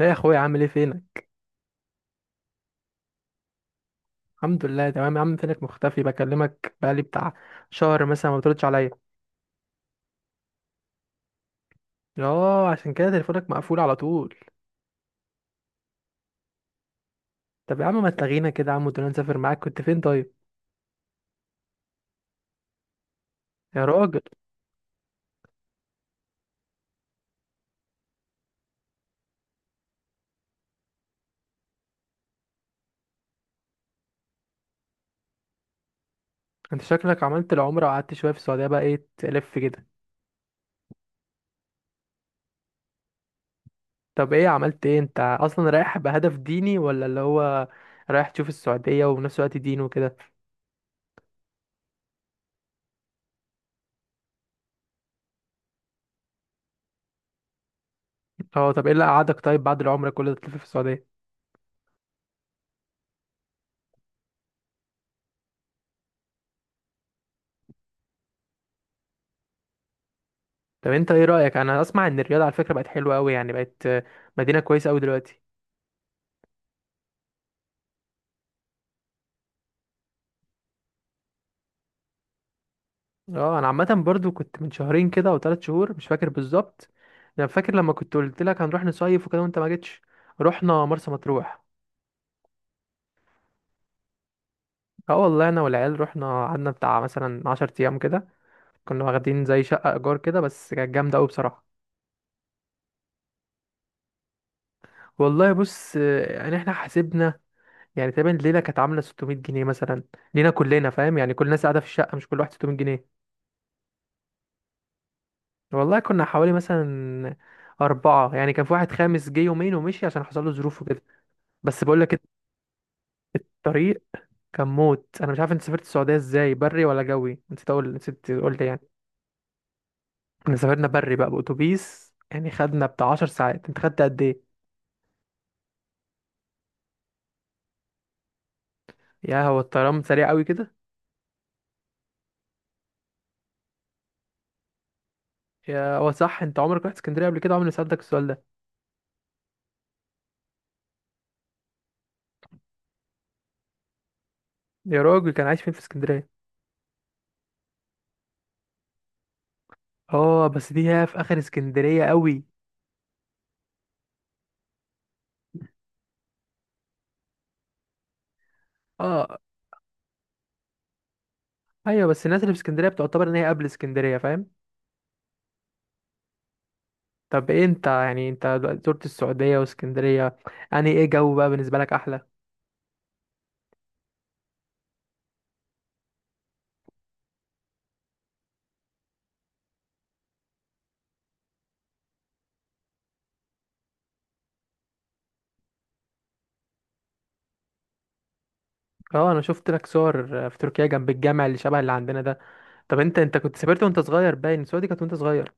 ايه يا اخويا، عامل ايه؟ فينك؟ الحمد لله، تمام يا عم. فينك مختفي؟ بكلمك بقالي بتاع شهر مثلا، ما بتردش عليا. اه، عشان كده تليفونك مقفول على طول. طب يا عم، ما تلاغينا كده يا عم، ودنا نسافر معاك. كنت فين طيب؟ يا راجل، انت شكلك عملت العمره وقعدت شويه في السعوديه، بقى ايه تلف كده؟ طب ايه عملت ايه؟ انت اصلا رايح بهدف ديني، ولا اللي هو رايح تشوف السعوديه وفي نفس الوقت دين وكده؟ اه، طب ايه اللي قعدك طيب بعد العمره كل ده تلف في السعوديه؟ طب انت ايه رايك؟ انا اسمع ان الرياض على فكره بقت حلوه قوي، يعني بقت مدينه كويسه قوي دلوقتي. اه، انا عامه برضو كنت من شهرين كده او 3 شهور، مش فاكر بالظبط. انا فاكر لما كنت قلت لك هنروح نصيف وكده وانت ما جيتش. رحنا مرسى مطروح. اه والله، انا والعيال رحنا قعدنا بتاع مثلا 10 ايام كده. كنا واخدين زي شقه ايجار كده، بس كانت جامده قوي بصراحه. والله بص، يعني احنا حاسبنا، يعني تقريبا الليله كانت عامله 600 جنيه مثلا لينا كلنا، فاهم؟ يعني كل الناس قاعده في الشقه، مش كل واحد 600 جنيه. والله كنا حوالي مثلا أربعة، يعني كان في واحد خامس جه يومين ومشي عشان حصل له ظروف وكده. بس بقول لك الطريق كان موت. انا مش عارف انت سافرت السعوديه ازاي، بري ولا جوي؟ نسيت اقول، نسيت قلت يعني. احنا سافرنا بري بقى باتوبيس، يعني خدنا بتاع 10 ساعات. انت خدت قد ايه؟ يا هو الطيران سريع قوي كده. يا هو صح، انت عمرك رحت اسكندريه قبل كده؟ عمري ما سالتك السؤال ده. يا راجل، كان عايش فين في اسكندريه؟ اه بس دي هي في اخر اسكندريه قوي. اه، ايوه بس الناس اللي في اسكندريه بتعتبر ان هي قبل اسكندريه، فاهم؟ طب ايه انت يعني، انت دلوقتي زرت السعوديه واسكندريه، يعني ايه جو بقى بالنسبه لك احلى؟ اه، انا شفت لك صور في تركيا جنب الجامع اللي شبه اللي عندنا ده. طب انت كنت سافرت وانت صغير، باين السعودية دي كانت وانت صغير.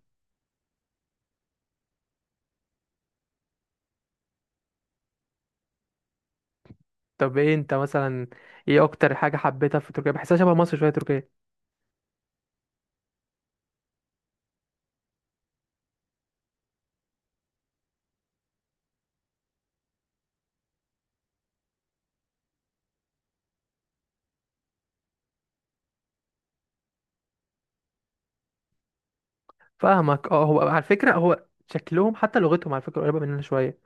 طب ايه انت مثلا، ايه اكتر حاجة حبيتها في تركيا؟ بحسها شبه مصر شوية تركيا. فاهمك. اه، هو على فكرة، هو شكلهم حتى لغتهم على فكرة قريبة مننا شوية.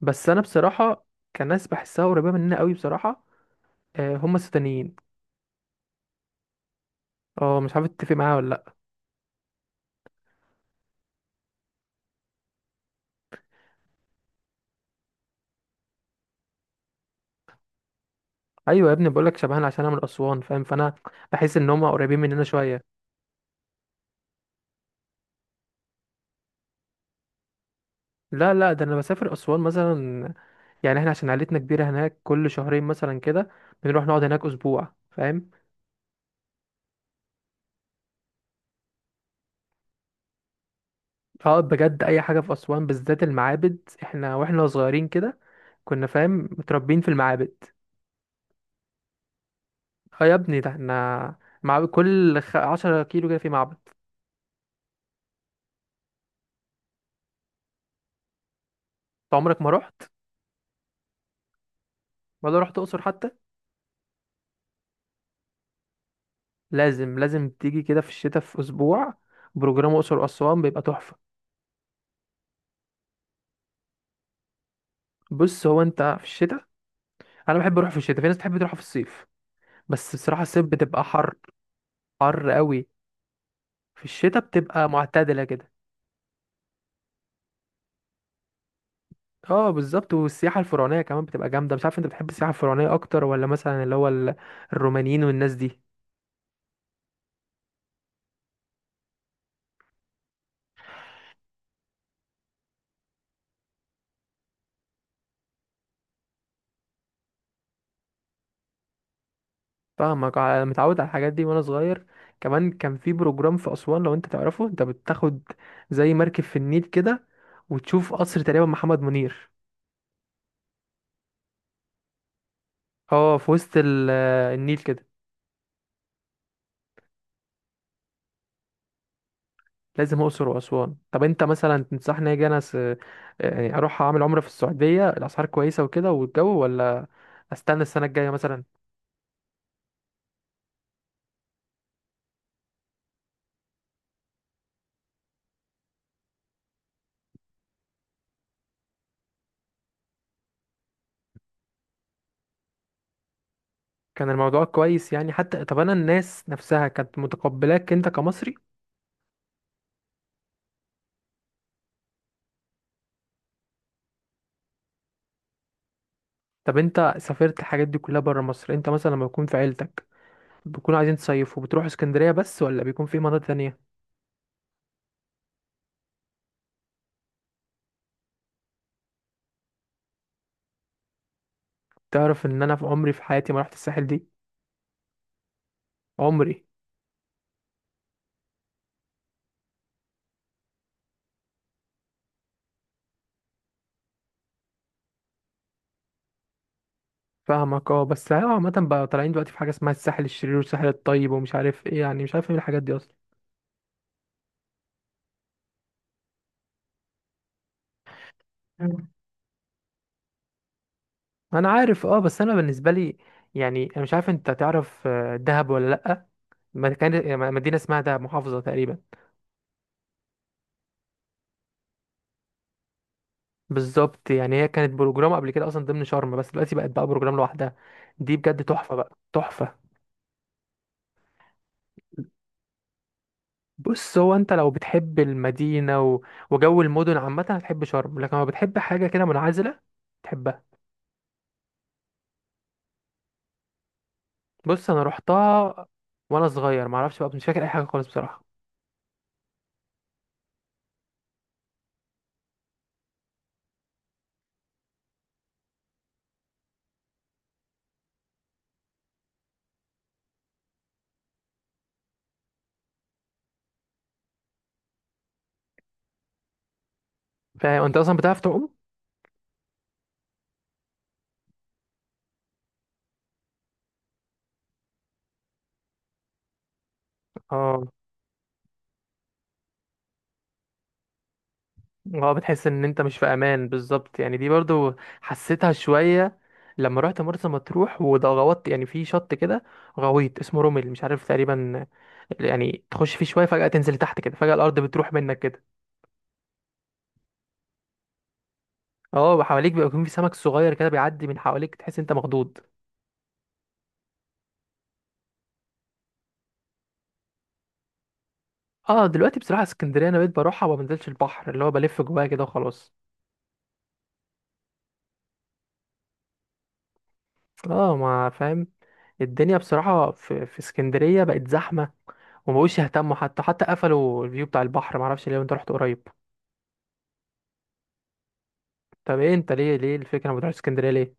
بس انا بصراحة كناس بحسها قريبة مننا قوي بصراحة. اه، هم السودانيين. اه، مش عارف تتفق معايا ولا لا. ايوه يا ابني، بقول لك شبهنا عشان انا من اسوان، فاهم؟ فانا بحس ان هم قريبين مننا شوية. لا لا، ده انا بسافر اسوان مثلا. يعني احنا عشان عيلتنا كبيرة هناك، كل شهرين مثلا كده بنروح نقعد هناك اسبوع، فاهم؟ اه بجد اي حاجه. في اسوان بالذات المعابد، احنا واحنا صغيرين كده كنا فاهم متربيين في المعابد. اه يا ابني، ده احنا مع كل 10 كيلو كده في معبد. انت عمرك ما رحت؟ ولا رحت اقصر حتى؟ لازم تيجي كده في الشتاء في اسبوع. بروجرام اقصر واسوان بيبقى تحفه. بص هو انت في الشتاء، انا بحب اروح في الشتاء، في ناس بتحب تروح في الصيف. بس بصراحه الصيف بتبقى حر. حر قوي. في الشتاء بتبقى معتدله كده. اه بالظبط. والسياحة الفرعونية كمان بتبقى جامدة. مش عارف انت بتحب السياحة الفرعونية اكتر، ولا مثلا اللي هو الرومانيين والناس دي؟ فاهمك. متعود على الحاجات دي وانا صغير. كمان كان في بروجرام في اسوان لو انت تعرفه، انت بتاخد زي مركب في النيل كده وتشوف قصر تقريبا محمد منير. اه، في وسط النيل كده. لازم اقصر واسوان. طب انت مثلا تنصحني اجي انا يعني اروح اعمل عمرة في السعودية؟ الاسعار كويسة وكده والجو، ولا استنى السنة الجاية مثلا؟ كان الموضوع كويس يعني حتى، طب انا الناس نفسها كانت متقبلاك انت كمصري؟ طب انت سافرت الحاجات دي كلها بره مصر، انت مثلا لما بيكون في عيلتك بيكونوا عايزين تصيفوا، بتروحوا اسكندرية بس ولا بيكون في مناطق تانية؟ تعرف ان انا في عمري في حياتي ما رحت الساحل دي؟ عمري. فاهمك. اه بس هو عامة بقى طالعين دلوقتي في حاجة اسمها الساحل الشرير والساحل الطيب، ومش عارف ايه، يعني مش عارف ايه الحاجات دي اصلا. مم. انا عارف. اه بس انا بالنسبه لي، يعني انا مش عارف انت تعرف دهب ولا لا؟ ما كان مدينه اسمها دهب، محافظه تقريبا. بالظبط، يعني هي كانت بروجرام قبل كده اصلا ضمن شرم، بس دلوقتي بقت بقى بروجرام لوحدها. دي بجد تحفه بقى، تحفه. بص هو انت لو بتحب المدينه وجو المدن عامه هتحب شرم، لكن لو بتحب حاجه كده منعزله تحبها. بص انا روحتها وانا صغير، معرفش بقى، مش فاكر اي حاجه خالص بصراحه. فاهم. انت اصلا بتعرف تعوم؟ اه. اه بتحس ان انت مش في امان بالظبط. يعني دي برضو حسيتها شويه لما رحت مرسى مطروح. وده غوطت يعني في شط كده غويط، اسمه رومل مش عارف تقريبا. يعني تخش فيه شويه فجاه تنزل تحت كده، فجاه الارض بتروح منك كده. اه، وحواليك بيبقى يكون في سمك صغير كده بيعدي من حواليك، تحس انت مخضوض. اه دلوقتي بصراحه اسكندريه انا بقيت بروحها وما بنزلش البحر، اللي هو بلف جواها كده وخلاص. اه، ما فاهم. الدنيا بصراحه في اسكندريه بقت زحمه، وما بقوش يهتموا، حتى قفلوا الفيو بتاع البحر، ما اعرفش ليه. انت رحت قريب؟ طب ايه انت ليه؟ الفكره ما تروحش اسكندريه ليه؟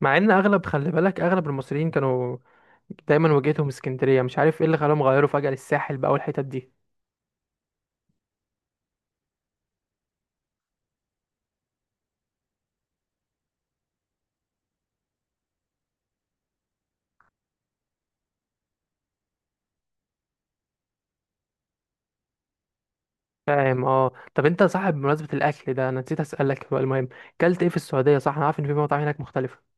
مع ان اغلب، خلي بالك، اغلب المصريين كانوا دايما وجهتهم اسكندريه، مش عارف ايه اللي خلاهم غيروا فجاه للساحل بقى والحتت دي. فاهم. اه طب انت صاحب، بمناسبه الاكل ده انا نسيت اسالك، هو المهم كلت ايه في السعوديه؟ صح، انا عارف ان في مطاعم هناك مختلفه.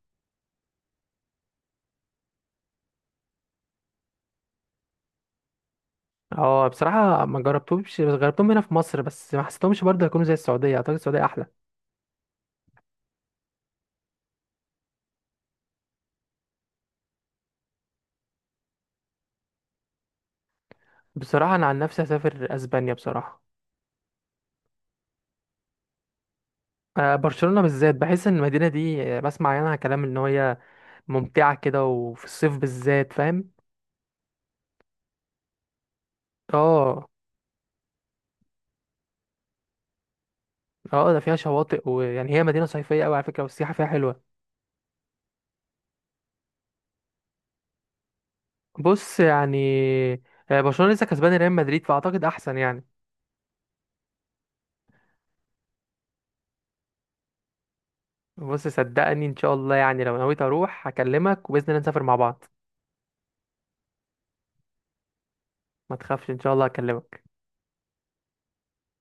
اه بصراحه ما جربتهمش. بس جربتهم هنا في مصر، بس ما حسيتهمش برضه هيكونوا زي السعوديه. اعتقد السعوديه احلى. بصراحه انا عن نفسي هسافر اسبانيا بصراحه. برشلونه بالذات. بحس ان المدينه دي بسمع عنها كلام ان هي ممتعه كده، وفي الصيف بالذات، فاهم. اه. اه ده فيها شواطئ، ويعني هي مدينة صيفية قوي على فكرة، والسياحة فيها حلوة. بص يعني برشلونة لسه كسبان ريال مدريد، فأعتقد أحسن يعني. بص صدقني، إن شاء الله يعني لو نويت أروح هكلمك، وبإذن الله نسافر مع بعض. ما تخافش، إن شاء الله هكلمك.